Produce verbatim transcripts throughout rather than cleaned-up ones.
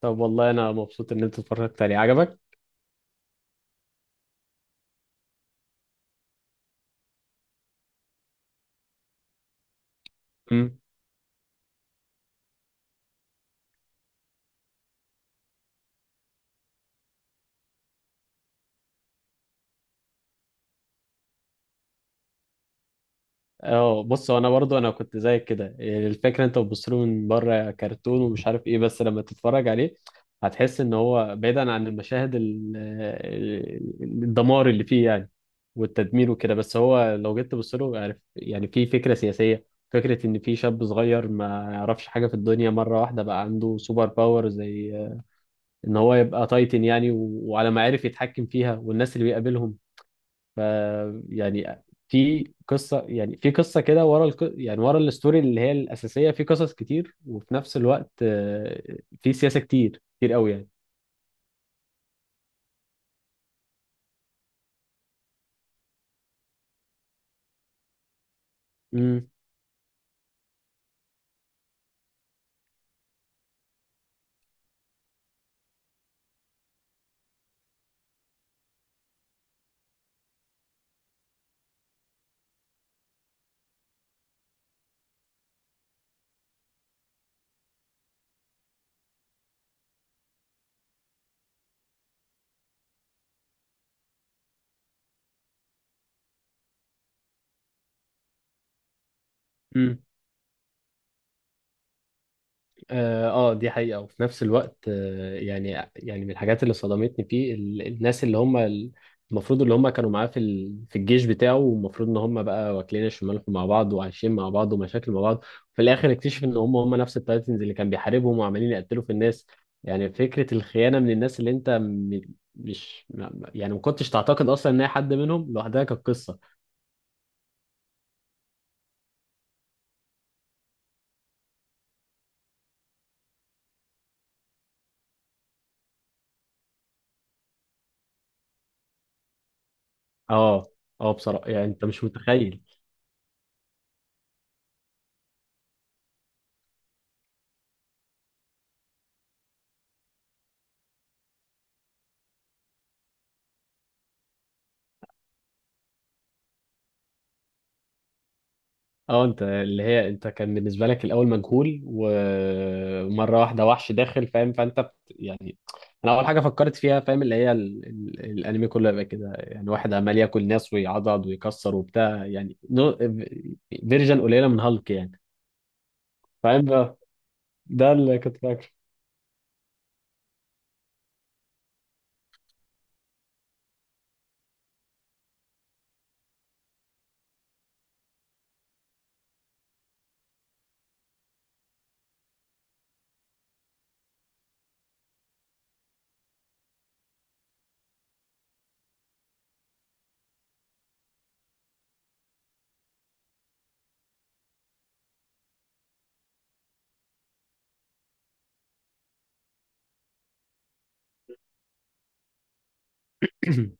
طب، والله انا مبسوط ان انت اتفرجت عليه عجبك. امم. اه، بص، هو انا برضو انا كنت زيك كده، يعني الفكره انت بتبص له من بره كرتون ومش عارف ايه، بس لما تتفرج عليه هتحس ان هو بعيدا عن المشاهد ال- ال- الدمار اللي فيه يعني، والتدمير وكده. بس هو لو جيت تبص له، عارف، يعني في فكره سياسيه، فكره ان في شاب صغير ما يعرفش حاجه في الدنيا مره واحده بقى عنده سوبر باور، زي ان هو يبقى تايتن يعني، و- وعلى ما عرف يتحكم فيها والناس اللي بيقابلهم. ف يعني في قصه يعني في قصه كده ورا الق... يعني ورا الستوري اللي هي الاساسيه في قصص كتير. وفي نفس الوقت آه، في سياسه كتير كتير قوي يعني. امم. اه آه، دي حقيقة. وفي نفس الوقت آه، يعني يعني من الحاجات اللي صدمتني فيه ال- الناس اللي هم ال- المفروض اللي هم كانوا معاه في ال- في الجيش بتاعه، والمفروض ان هم بقى واكلين الشمال مع بعض وعايشين مع بعض ومشاكل مع بعض، في الاخر اكتشف ان هم هم نفس التايتنز اللي كان بيحاربهم وعمالين يقتلوا في الناس. يعني فكرة الخيانة من الناس اللي انت م- مش ما- يعني ما كنتش تعتقد اصلا ان هي حد منهم، لوحدها كانت قصة. اه. اه بصراحة يعني انت مش متخيل. اه، انت اللي هي انت كان بالنسبه لك الاول مجهول، ومره واحده وحش داخل، فاهم؟ فانت بت... يعني انا اول حاجه فكرت فيها، فاهم، اللي هي ال... ال... الانمي كله يبقى كده، يعني واحد عمال ياكل ناس ويعضض ويكسر وبتاع، يعني نو... فيرجن قليله من هالك يعني، فاهم بقى؟ ده اللي كنت فاكره.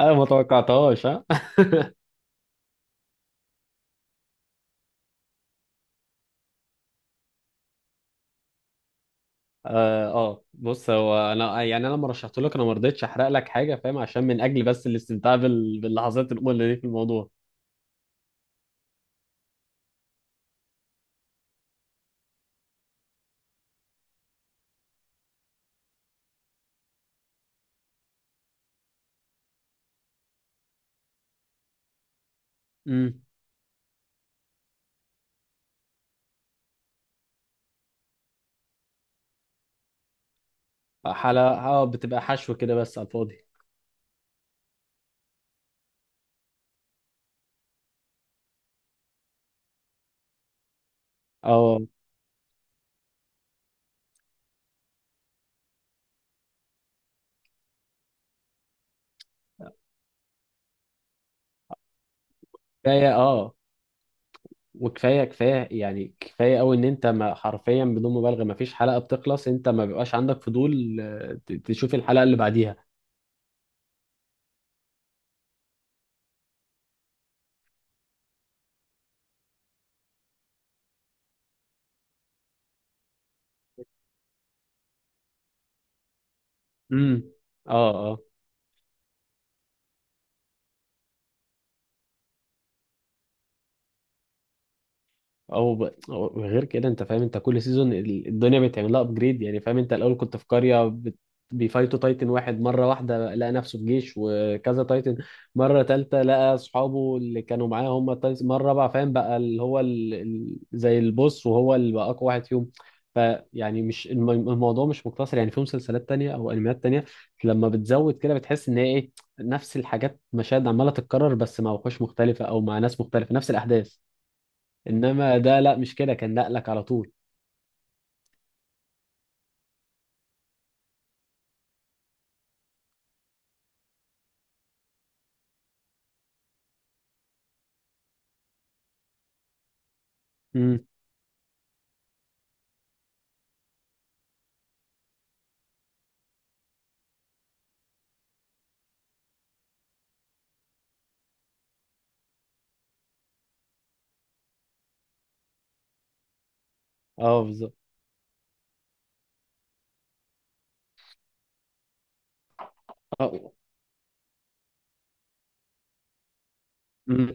انا ما توقعتهاش ها. اه آه. بص، هو انا يعني انا لما رشحت لك انا ما رضيتش احرق لك حاجه، فاهم، عشان من اجل بس الاستمتاع بال... باللحظات الاولى دي في الموضوع. امم. حلا اه، بتبقى حشو كده بس على الفاضي. اه كفايه. اه وكفايه، كفايه يعني كفايه قوي ان انت، ما حرفيا بدون مبالغه، ما فيش حلقه بتخلص انت ما بيبقاش عندك فضول آه، ت- تشوف الحلقه اللي بعديها. امم. اه اه. او ب... أو غير كده، انت فاهم، انت كل سيزون ال- الدنيا بتعمل لها ابجريد يعني، فاهم؟ انت الاول كنت في قريه بت... بيفايتوا تايتن واحد، مره واحده لقى نفسه في جيش وكذا تايتن، مره تالته لقى اصحابه اللي كانوا معاه هم التايتن، مره رابعه فاهم بقى اللي هو ال... ال... زي البوس وهو اللي بقى اقوى واحد فيهم. فيعني مش الم... الموضوع مش مقتصر، يعني في مسلسلات تانية او انميات تانية لما بتزود كده بتحس ان هي ايه، نفس الحاجات مشاهد عماله تتكرر بس مع وحوش مختلفه او مع ناس مختلفه، نفس الاحداث. انما ده لا، مش كده، كان نقلك على طول. امم. اه بالظبط. اه. امم.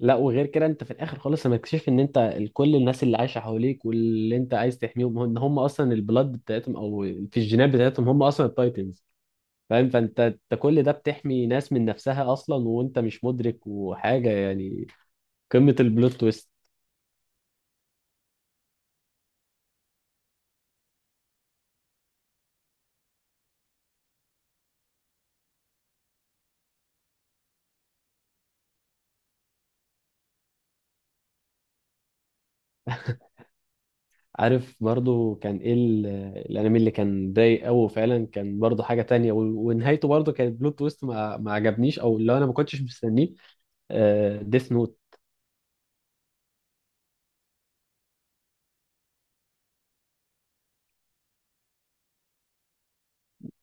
لا، وغير كده انت في الاخر خالص لما تكتشف ان انت ال- كل الناس اللي عايشه حواليك واللي انت عايز تحميهم، هم- ان هم اصلا البلاد بتاعتهم او في الجينات بتاعتهم هم اصلا التايتنز، فاهم؟ فانت انت كل ده بتحمي ناس من نفسها اصلا وانت مش مدرك وحاجه، يعني قمه البلوت تويست. عارف برضو كان ايه ال- الانمي اللي كان ضايق قوي فعلا؟ كان برضو حاجه تانية، و- ونهايته برضو كانت بلوت تويست ما, ما عجبنيش او اللي انا ما كنتش مستنيه، ديث نوت.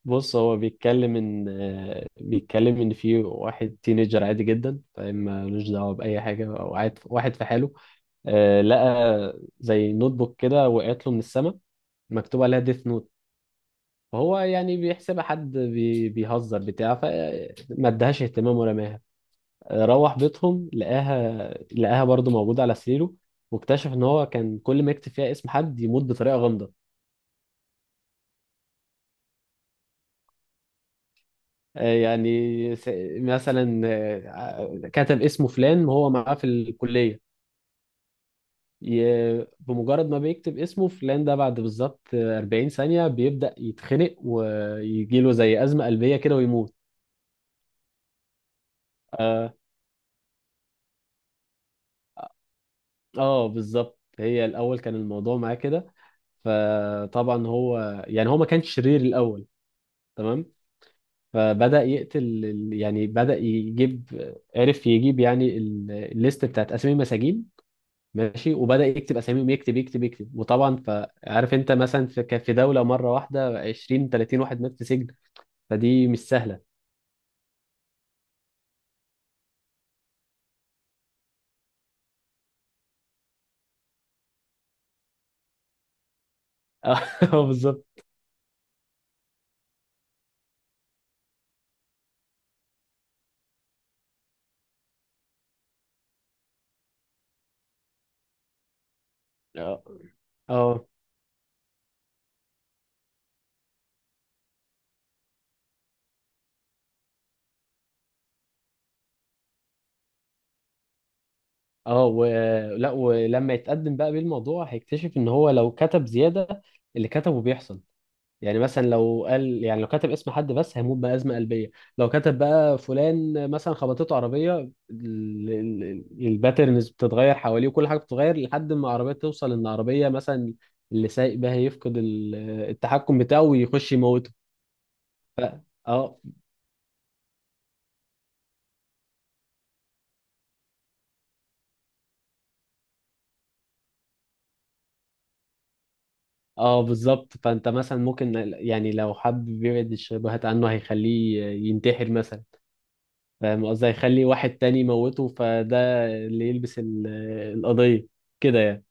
بص، هو بيتكلم ان آه، بيتكلم ان في واحد تينيجر عادي جدا، فاهم، ملوش دعوه باي حاجه او قاعد واحد في حاله، آه، لقى زي نوت بوك كده وقعت له من السما مكتوب عليها ديث نوت. فهو يعني بيحسبها حد بي- بيهزر بتاع فما ادهاش اهتمام ورماها. روح بيتهم لقاها لقاها برضه موجودة على سريره، واكتشف ان هو كان كل ما يكتب فيها اسم حد يموت بطريقة غامضة. آه، يعني س- مثلا آه، كتب اسمه فلان وهو معاه في الكلية، ي- بمجرد ما بيكتب اسمه فلان ده، بعد بالظبط 40 ثانية بيبدأ يتخنق ويجيله زي أزمة قلبية كده ويموت. اه آه، بالظبط. هي الأول كان الموضوع معاه كده، فطبعا هو يعني هو ما كانش شرير الأول، تمام؟ فبدأ يقتل، ال- يعني بدأ يجيب، عرف يجيب يعني ال- الليست بتاعت أسامي المساجين، ماشي، وبدأ يكتب أساميهم، يكتب يكتب يكتب، وطبعا، فعارف أنت مثلا في كان في دولة مرة واحدة عشرين تلاتين واحد مات في سجن، فدي مش سهلة. اه بالظبط. اه اه. اه، ولا ولما يتقدم بقى بالموضوع هيكتشف ان هو لو كتب زيادة اللي كتبه بيحصل. يعني مثلا لو قال، يعني لو كتب اسم حد بس هيموت بأزمة قلبية، لو كتب بقى فلان مثلا خبطته عربية، ال- ال- ال- الباترنز بتتغير حواليه وكل حاجة بتتغير لحد ما العربية توصل، ان عربية مثلا اللي سايق بها يفقد ال- التحكم بتاعه ويخش يموته. ف... اه. اه بالظبط. فانت مثلا ممكن يعني لو حابب يبعد الشبهات عنه هيخليه ينتحر مثلا، فاهم قصدي، هيخلي واحد تاني يموته، فده اللي يلبس ال- القضية كده يعني.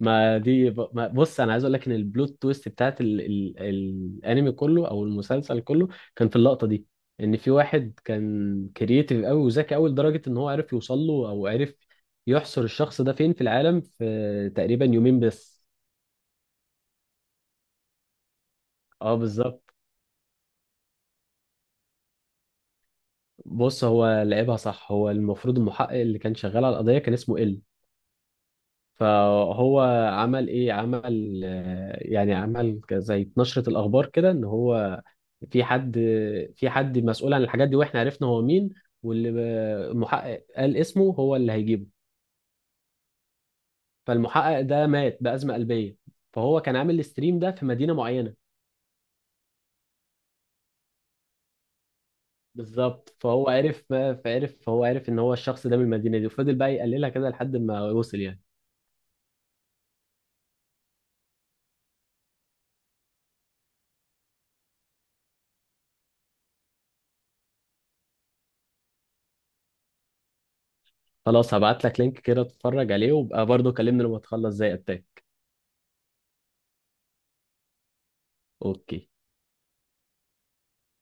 ما دي ب- ما بص، انا عايز اقول لك ان البلوت تويست بتاعت ال ال الانمي كله او المسلسل كله كان في اللقطه دي، ان في واحد كان كرييتيف قوي وذكي قوي لدرجه ان هو عرف يوصل له، او عرف يحصر الشخص ده فين في العالم، في تقريبا يومين بس. اه بالظبط. بص، هو لعبها صح، هو المفروض المحقق اللي كان شغال على القضيه كان اسمه ال. فهو عمل ايه؟ عمل آه، يعني عمل ك- زي نشرة الاخبار كده ان هو في حد في حد مسؤول عن الحاجات دي واحنا عرفنا هو مين، واللي ب- المحقق قال اسمه هو اللي هيجيبه، فالمحقق ده مات بأزمة قلبية. فهو كان عامل الستريم ده في مدينة معينة، بالظبط. فهو عرف فعرف فهو عرف ان هو الشخص ده من المدينة دي، وفضل بقى يقللها كده لحد ما وصل يعني. خلاص، هبعت لك لينك كده، اتفرج عليه وابقى برضه كلمني لما تخلص زي التاني. اوكي.